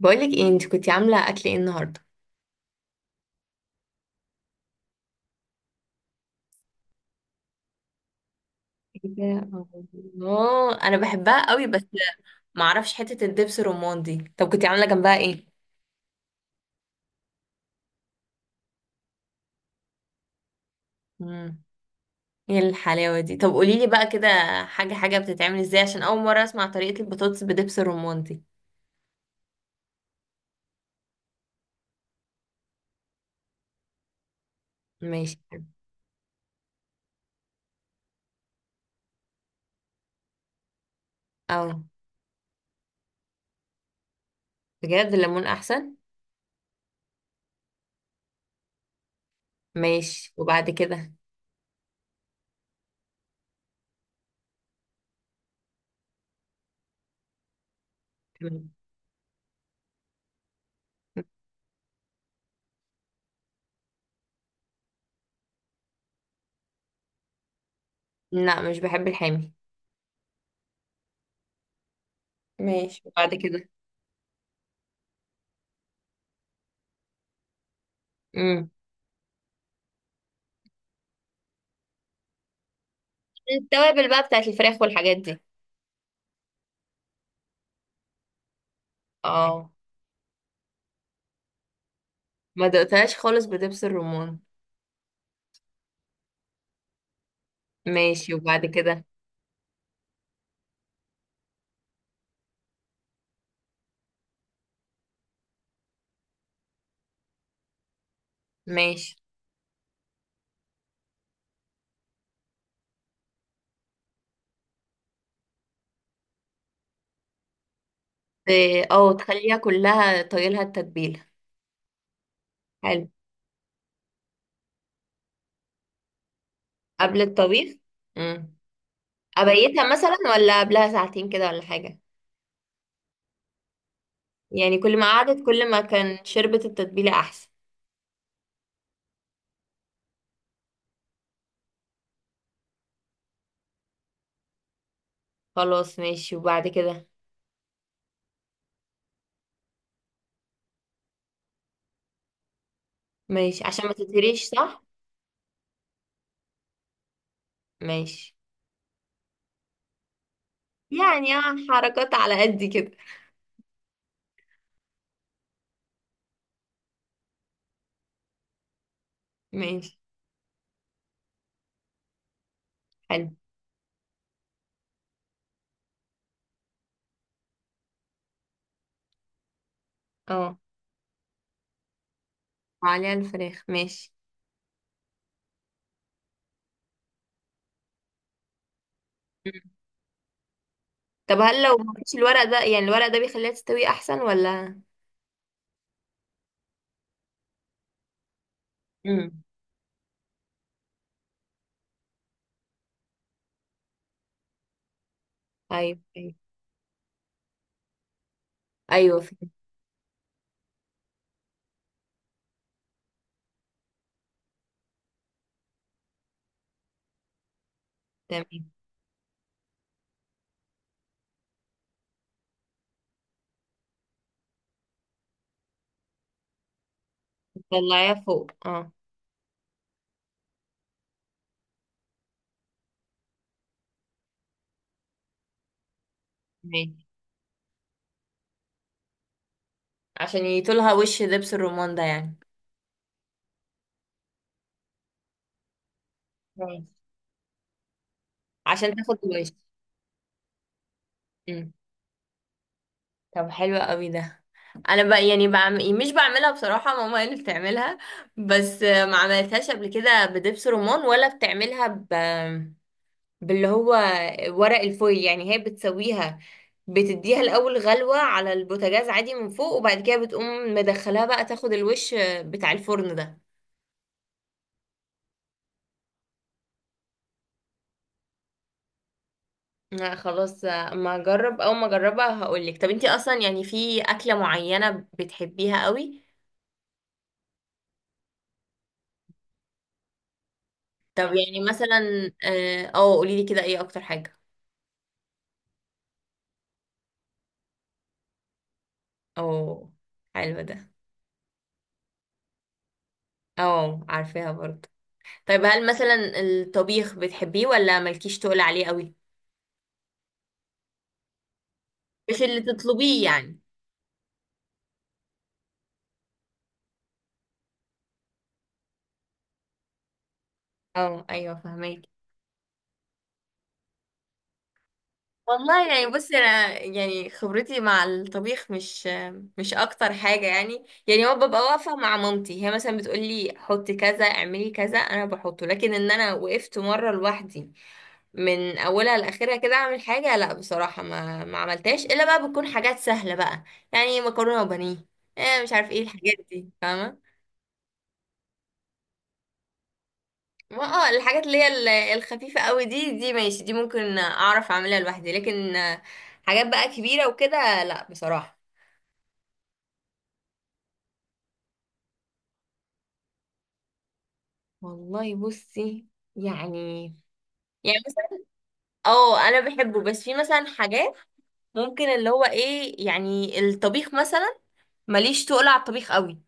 بقولك ايه، انت كنتي عامله اكل ايه النهارده؟ كده. الله، انا بحبها قوي بس معرفش حته الدبس الرمان دي. طب كنتي عامله جنبها ايه؟ امم. ايه الحلاوه دي! طب قوليلي بقى كده، حاجه حاجه بتتعمل ازاي عشان اول مره اسمع طريقه البطاطس بدبس الرمان دي. ماشي. اه. بجد الليمون احسن. ماشي، وبعد كده؟ مم. لا، مش بحب الحامي. ماشي، وبعد كده؟ امم. التوابل بقى بتاعت الفراخ والحاجات دي. اه. ما دقتهاش خالص بدبس الرمان. ماشي، وبعد كده؟ ماشي. إيه، اه، تخليها كلها طايلها التتبيلة. حلو. قبل الطبيخ؟ امم. ابيتها مثلا ولا قبلها ساعتين كده ولا حاجة؟ يعني كل ما قعدت كل ما كان شربت التتبيلة احسن. خلاص، ماشي، وبعد كده؟ ماشي، عشان ما تتهريش، صح؟ ماشي. يعني اه، حركات على قد كده. ماشي. حلو. اه. وعليها الفراخ، ماشي. مم. طب هل لو ما فيش الورق ده، يعني الورق ده بيخليها تستوي احسن ولا؟ امم. ايوه، ايوه. ايوه. تمام. تطلعيها فوق، اه. ماشي، عشان يطولها وش لبس الرمان ده يعني. ماشي. عشان تاخد وش. مم. طب، حلو قوي ده. انا بقى يعني مش بعملها، بصراحه ماما هي اللي بتعملها. بس ما عملتهاش قبل كده بدبس رمان، ولا بتعملها باللي هو، ورق الفويل يعني هي بتسويها. بتديها الاول غلوه على البوتاجاز عادي من فوق، وبعد كده بتقوم مدخلاها بقى تاخد الوش بتاع الفرن ده. لا، خلاص ما اجرب او ما اجربها هقولك. طب، انتي اصلا يعني في اكلة معينة بتحبيها قوي؟ طب، يعني مثلا اه، أو قوليلي كده، ايه اكتر حاجة؟ او. حلو ده. او، عارفاها برضه. طيب، هل مثلا الطبيخ بتحبيه ولا مالكيش تقول عليه قوي؟ مش اللي تطلبيه يعني؟ اه، ايوه، فهماكي. والله يعني، بصي انا يعني خبرتي مع الطبيخ مش اكتر حاجه، يعني يعني هو ببقى واقفه مع مامتي، هي مثلا بتقولي حطي كذا اعملي كذا انا بحطه، لكن ان انا وقفت مره لوحدي من اولها لاخرها كده اعمل حاجه، لا بصراحه ما عملتهاش الا بقى بتكون حاجات سهله بقى. يعني مكرونه وبانيه، إيه مش عارف ايه الحاجات دي، فاهمه؟ ما اه، الحاجات اللي هي الخفيفه قوي دي ماشي، دي ممكن اعرف اعملها لوحدي، لكن حاجات بقى كبيره وكده، لا بصراحه. والله بصي، يعني يعني مثلا اه، انا بحبه بس في مثلا حاجات ممكن اللي هو ايه يعني الطبيخ مثلا، ماليش تقل على الطبيخ قوي.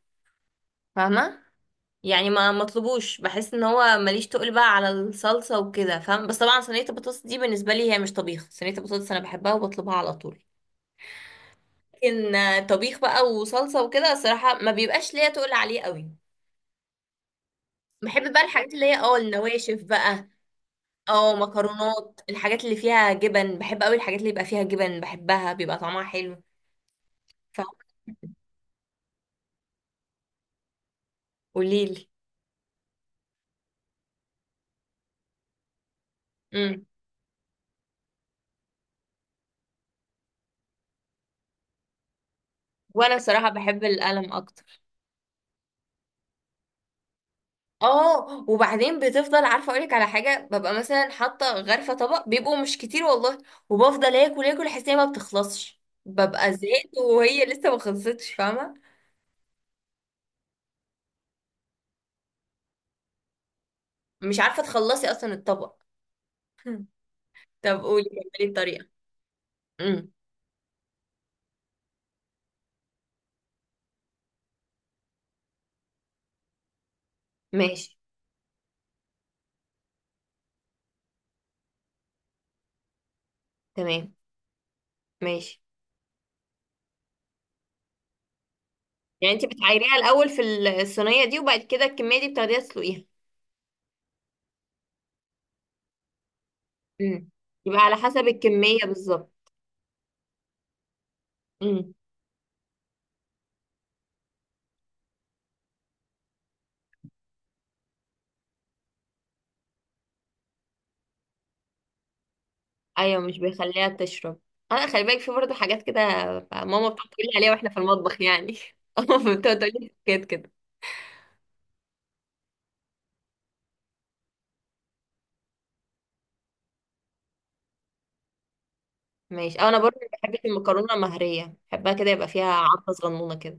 فاهمه؟ يعني ما مطلبوش، بحس ان هو ماليش تقل بقى على الصلصه وكده، فاهم؟ بس طبعا صينيه البطاطس دي بالنسبه لي هي مش طبيخ، صينيه البطاطس انا بحبها وبطلبها على طول. لكن طبيخ بقى وصلصه وكده، الصراحه ما بيبقاش ليا تقل عليه قوي. بحب بقى الحاجات اللي هي النواشف بقى. اه، مكرونات، الحاجات اللي فيها جبن بحب قوي، الحاجات اللي يبقى فيها جبن بحبها بيبقى طعمها حلو. فقوليلي. امم. وانا بصراحه بحب القلم اكتر. اه، وبعدين بتفضل، عارفه اقولك على حاجه؟ ببقى مثلا حاطه غرفه طبق بيبقوا مش كتير والله، وبفضل اكل اكل، احس إن هي ما بتخلصش، ببقى زهقت وهي لسه ما خلصتش، فاهمه؟ مش عارفه تخلصي اصلا الطبق. طب قولي، كملي الطريقه. امم. ماشي. تمام. ماشي. يعني انت بتعايريها الاول في الصينيه دي، وبعد كده الكميه دي بتاخديها تسلقيها؟ امم. يبقى على حسب الكميه بالظبط. امم. ايوه، مش بيخليها تشرب. انا خلي بالك، في برضه حاجات كده. ماما بتقعد تقول لي عليها واحنا في المطبخ يعني. ماما بتقعد تقول لي حاجات كده. ماشي. أو انا برضه بحب المكرونه مهريه، بحبها كده يبقى فيها عضه صغنونه كده.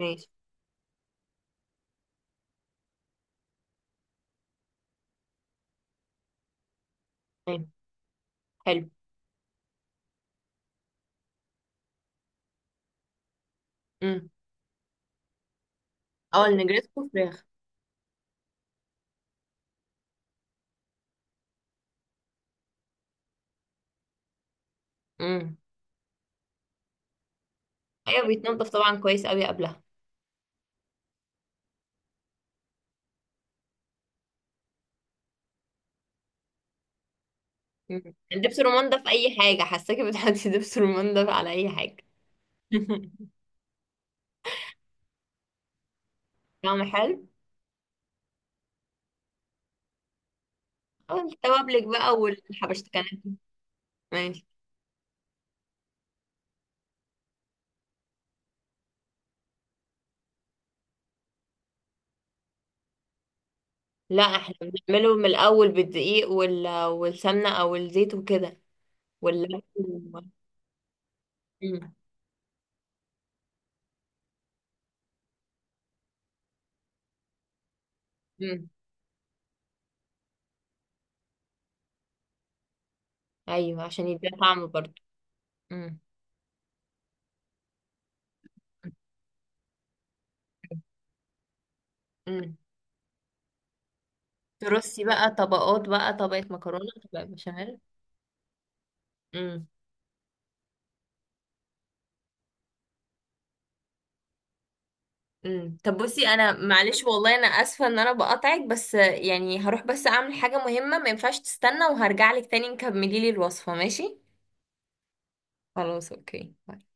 ماشي. ايوه. حلو. امم. اه، النجريسكو فراخ. امم. ايوه، بيتنضف طبعا كويس قوي قبلها. مم. دبس رمان ده في اي حاجه، حاساكي بتحطي دبس رمان ده على اي حاجه؟ طعمه حلو. اه، التوابلك بقى والحبشتكنات دي. ماشي. لا، احنا بنعمله من الاول بالدقيق والسمنه او الزيت وكده، واللبن مم. مم. ايوه، عشان يديها طعم برضه. مم. مم. ترصي بقى طبقات بقى، طبقه مكرونه، طبقه بشاميل. مم. مم. طب بصي، انا معلش والله، انا اسفه ان انا بقاطعك بس يعني، هروح بس اعمل حاجه مهمه ما ينفعش تستنى، وهرجع لك تاني نكملي لي الوصفه، ماشي؟ خلاص، اوكي. باي.